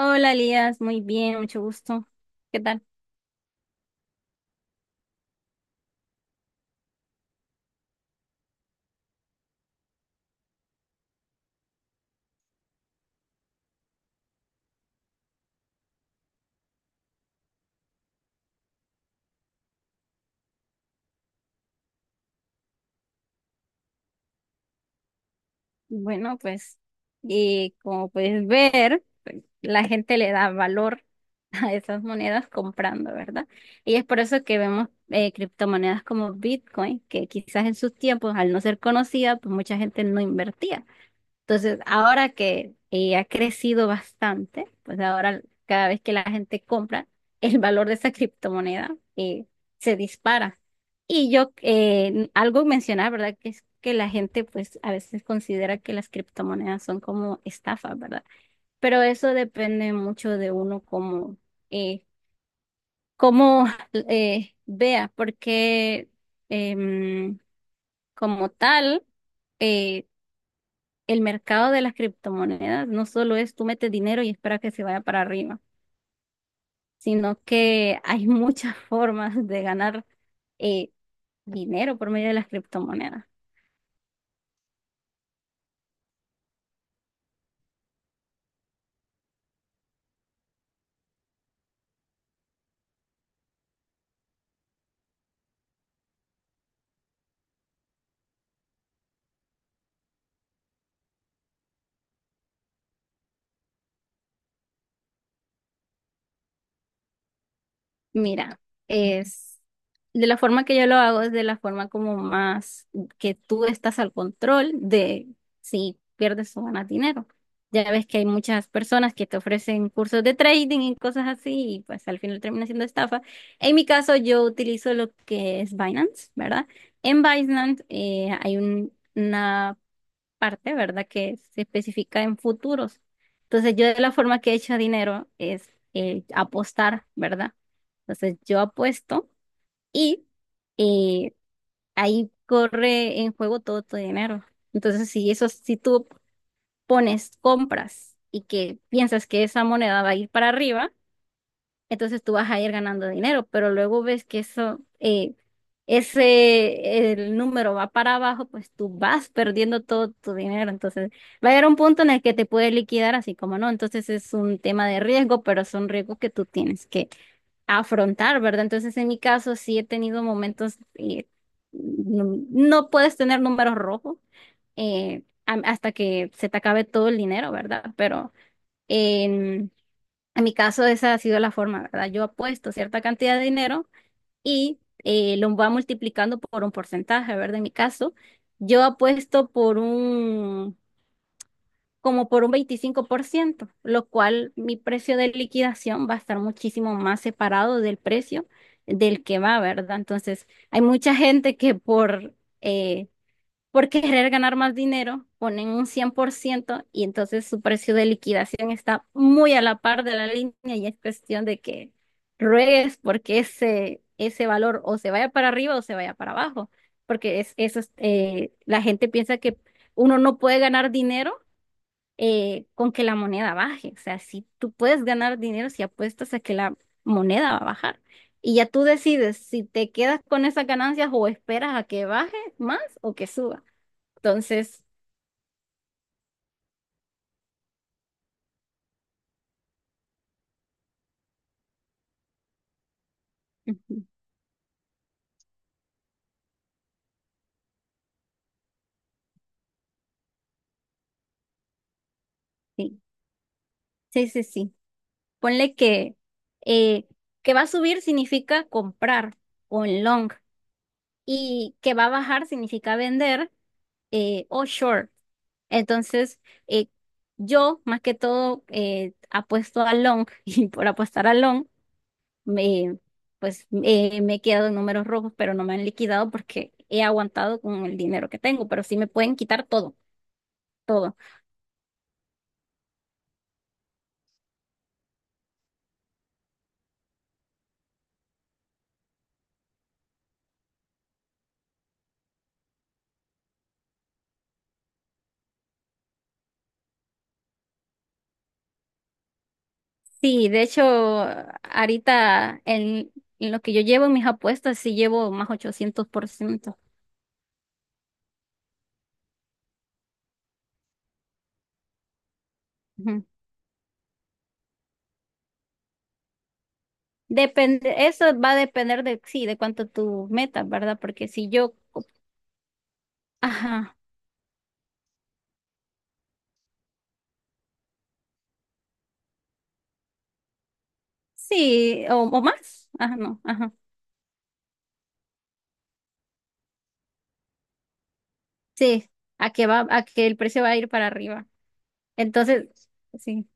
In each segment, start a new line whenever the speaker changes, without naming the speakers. Hola, Elías, muy bien, mucho gusto. ¿Qué tal? Bueno, pues, y como puedes ver, pues, la gente le da valor a esas monedas comprando, ¿verdad? Y es por eso que vemos criptomonedas como Bitcoin, que quizás en sus tiempos, al no ser conocida, pues mucha gente no invertía. Entonces, ahora que ha crecido bastante, pues ahora cada vez que la gente compra, el valor de esa criptomoneda se dispara. Y yo, algo mencionar, ¿verdad? Que es que la gente, pues a veces considera que las criptomonedas son como estafas, ¿verdad? Pero eso depende mucho de uno como, eh, cómo vea, porque em, como tal, eh, el mercado de las criptomonedas no solo es tú metes dinero y esperas que se vaya para arriba, sino que hay muchas formas de ganar eh, dinero por medio de las criptomonedas. Mira, es de la forma que yo lo hago, es de la forma como más que tú estás al control de si pierdes o ganas dinero. Ya ves que hay muchas personas que te ofrecen cursos de trading y cosas así, y pues al final termina siendo estafa. En mi caso, yo utilizo lo que es Binance, ¿verdad? En Binance hay una parte, ¿verdad? Que se especifica en futuros. Entonces, yo de la forma que he hecho dinero es apostar, ¿verdad? Entonces, yo apuesto y eh, ahí corre en juego todo tu dinero. Entonces, si eso, si tú pones compras y que piensas que esa moneda va a ir para arriba, entonces tú vas a ir ganando dinero, pero luego ves que eso, ese, el número va para abajo, pues tú vas perdiendo todo tu dinero, entonces va a llegar un punto en el que te puede liquidar, así como no, entonces es un tema de riesgo, pero son riesgos que tú tienes que afrontar, ¿verdad? Entonces en mi caso sí he tenido momentos, no, no puedes tener números rojos hasta que se te acabe todo el dinero, ¿verdad? Pero en mi caso, esa ha sido la forma, ¿verdad? Yo apuesto cierta cantidad de dinero y lo va multiplicando por un porcentaje, ¿verdad? En mi caso, yo apuesto por un, como por un 25%, lo cual mi precio de liquidación va a estar muchísimo más separado del precio del que va, ¿verdad? Entonces, hay mucha gente que eh, por querer ganar más dinero, ponen un 100% y entonces su precio de liquidación está muy a la par de la línea y es cuestión de que ruegues porque ese valor o se vaya para arriba o se vaya para abajo, porque es, eso es, la gente piensa que uno no puede ganar dinero con que la moneda baje, o sea, si tú puedes ganar dinero si apuestas a que la moneda va a bajar. Y ya tú decides si te quedas con esas ganancias o esperas a que baje más o que suba. Entonces, ujú, sí, sí, sí, sí. Ponle eh, que va a subir significa comprar o en long y que va a bajar significa vender o short. Entonces, eh, yo más que todo apuesto a long y por apostar a long, me, pues me he quedado en números rojos, pero no me han liquidado porque he aguantado con el dinero que tengo, pero sí me pueden quitar todo, todo. Sí, de hecho, ahorita en lo que yo llevo en mis apuestas, sí llevo más 800%. Ujú. Depende, eso va a depender de, sí, de cuánto tú metas, ¿verdad? Porque si yo, ajá, sí, o más, ajá, no, ajá, sí, a que va, a que el precio va a ir para arriba. Entonces, sí.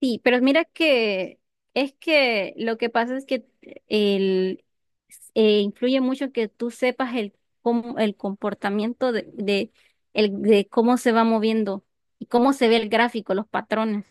Sí, pero mira que es que lo que pasa es que el, influye mucho que tú sepas el, el comportamiento de, el, de cómo se va moviendo y cómo se ve el gráfico, los patrones.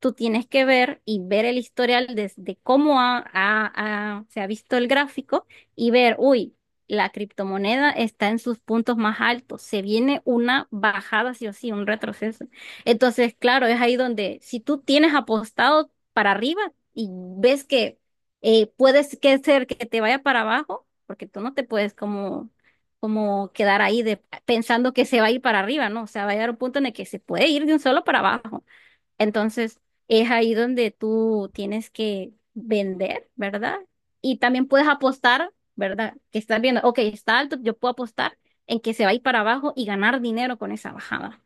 Tú tienes que ver y ver el historial desde cómo se ha visto el gráfico y ver, uy, la criptomoneda está en sus puntos más altos, se viene una bajada sí o sí, un retroceso. Entonces, claro, es ahí donde si tú tienes apostado para arriba y ves que puedes que ser que te vaya para abajo, porque tú no te puedes como, como quedar ahí de, pensando que se va a ir para arriba, ¿no? O sea, va a llegar un punto en el que se puede ir de un solo para abajo. Entonces, es ahí donde tú tienes que vender, ¿verdad? Y también puedes apostar, ¿verdad? Que estás viendo, ok, está alto, yo puedo apostar en que se va a ir para abajo y ganar dinero con esa bajada.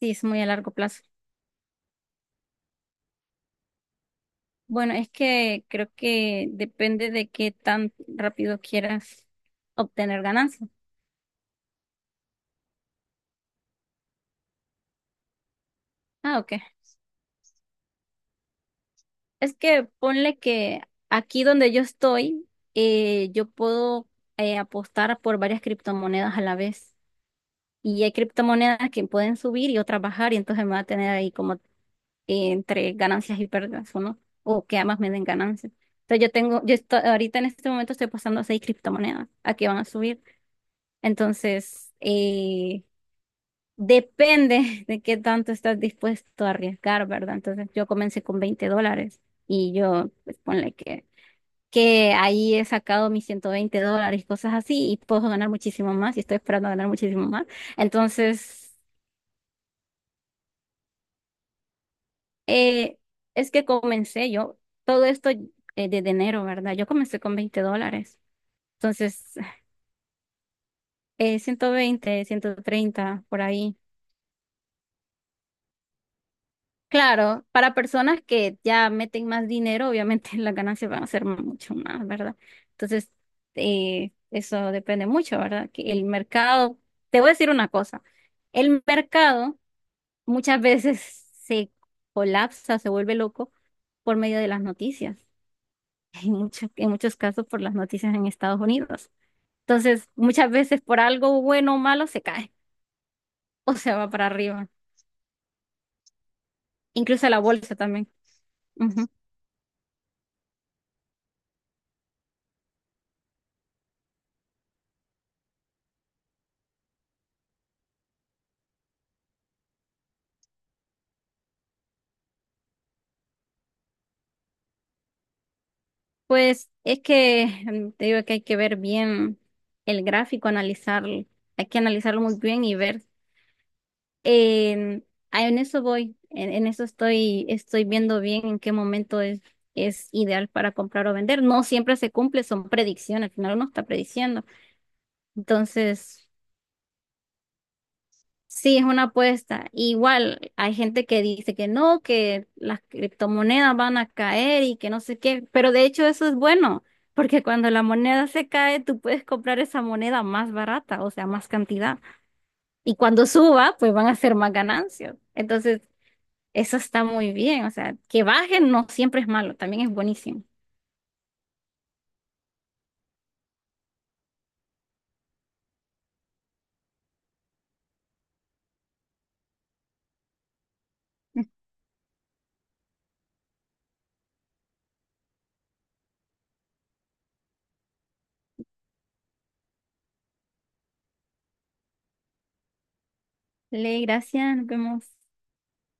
Sí, es muy a largo plazo. Bueno, es que creo que depende de qué tan rápido quieras obtener ganancia. Ah, ok. Es que ponle que aquí donde yo estoy, yo puedo apostar por varias criptomonedas a la vez. Y hay criptomonedas que pueden subir y otras bajar, y entonces me va a tener ahí como entre ganancias y pérdidas, ¿o no? O que ambas me den ganancias. Entonces yo tengo, yo estoy, ahorita en este momento estoy apostando a seis criptomonedas a que van a subir. Entonces, depende de qué tanto estás dispuesto a arriesgar, ¿verdad? Entonces yo comencé con $20 y yo, pues ponle que ahí he sacado mis $120 cosas así y puedo ganar muchísimo más y estoy esperando ganar muchísimo más. Entonces, eh, es que comencé yo, todo esto desde enero, ¿verdad? Yo comencé con 20 dólares. Entonces, 120, 130 por ahí. Claro, para personas que ya meten más dinero, obviamente las ganancias van a ser mucho más, ¿verdad? Entonces, eso depende mucho, ¿verdad? Que el mercado, te voy a decir una cosa, el mercado muchas veces se colapsa, se vuelve loco por medio de las noticias, en muchos casos por las noticias en Estados Unidos. Entonces, muchas veces por algo bueno o malo se cae o se va para arriba, incluso la bolsa también. Pues es que te digo que hay que ver bien el gráfico, analizarlo, hay que analizarlo muy bien y ver. En, ah, en eso voy, en eso estoy, estoy viendo bien en qué momento es ideal para comprar o vender. No siempre se cumple, son predicciones, al final uno está prediciendo. Entonces, sí, es una apuesta. Igual hay gente que dice que no, que las criptomonedas van a caer y que no sé qué, pero de hecho eso es bueno, porque cuando la moneda se cae, tú puedes comprar esa moneda más barata, o sea, más cantidad. Y cuando suba, pues van a ser más ganancias. Entonces, eso está muy bien. O sea, que bajen no siempre es malo, también es buenísimo. Le, gracias, nos vemos.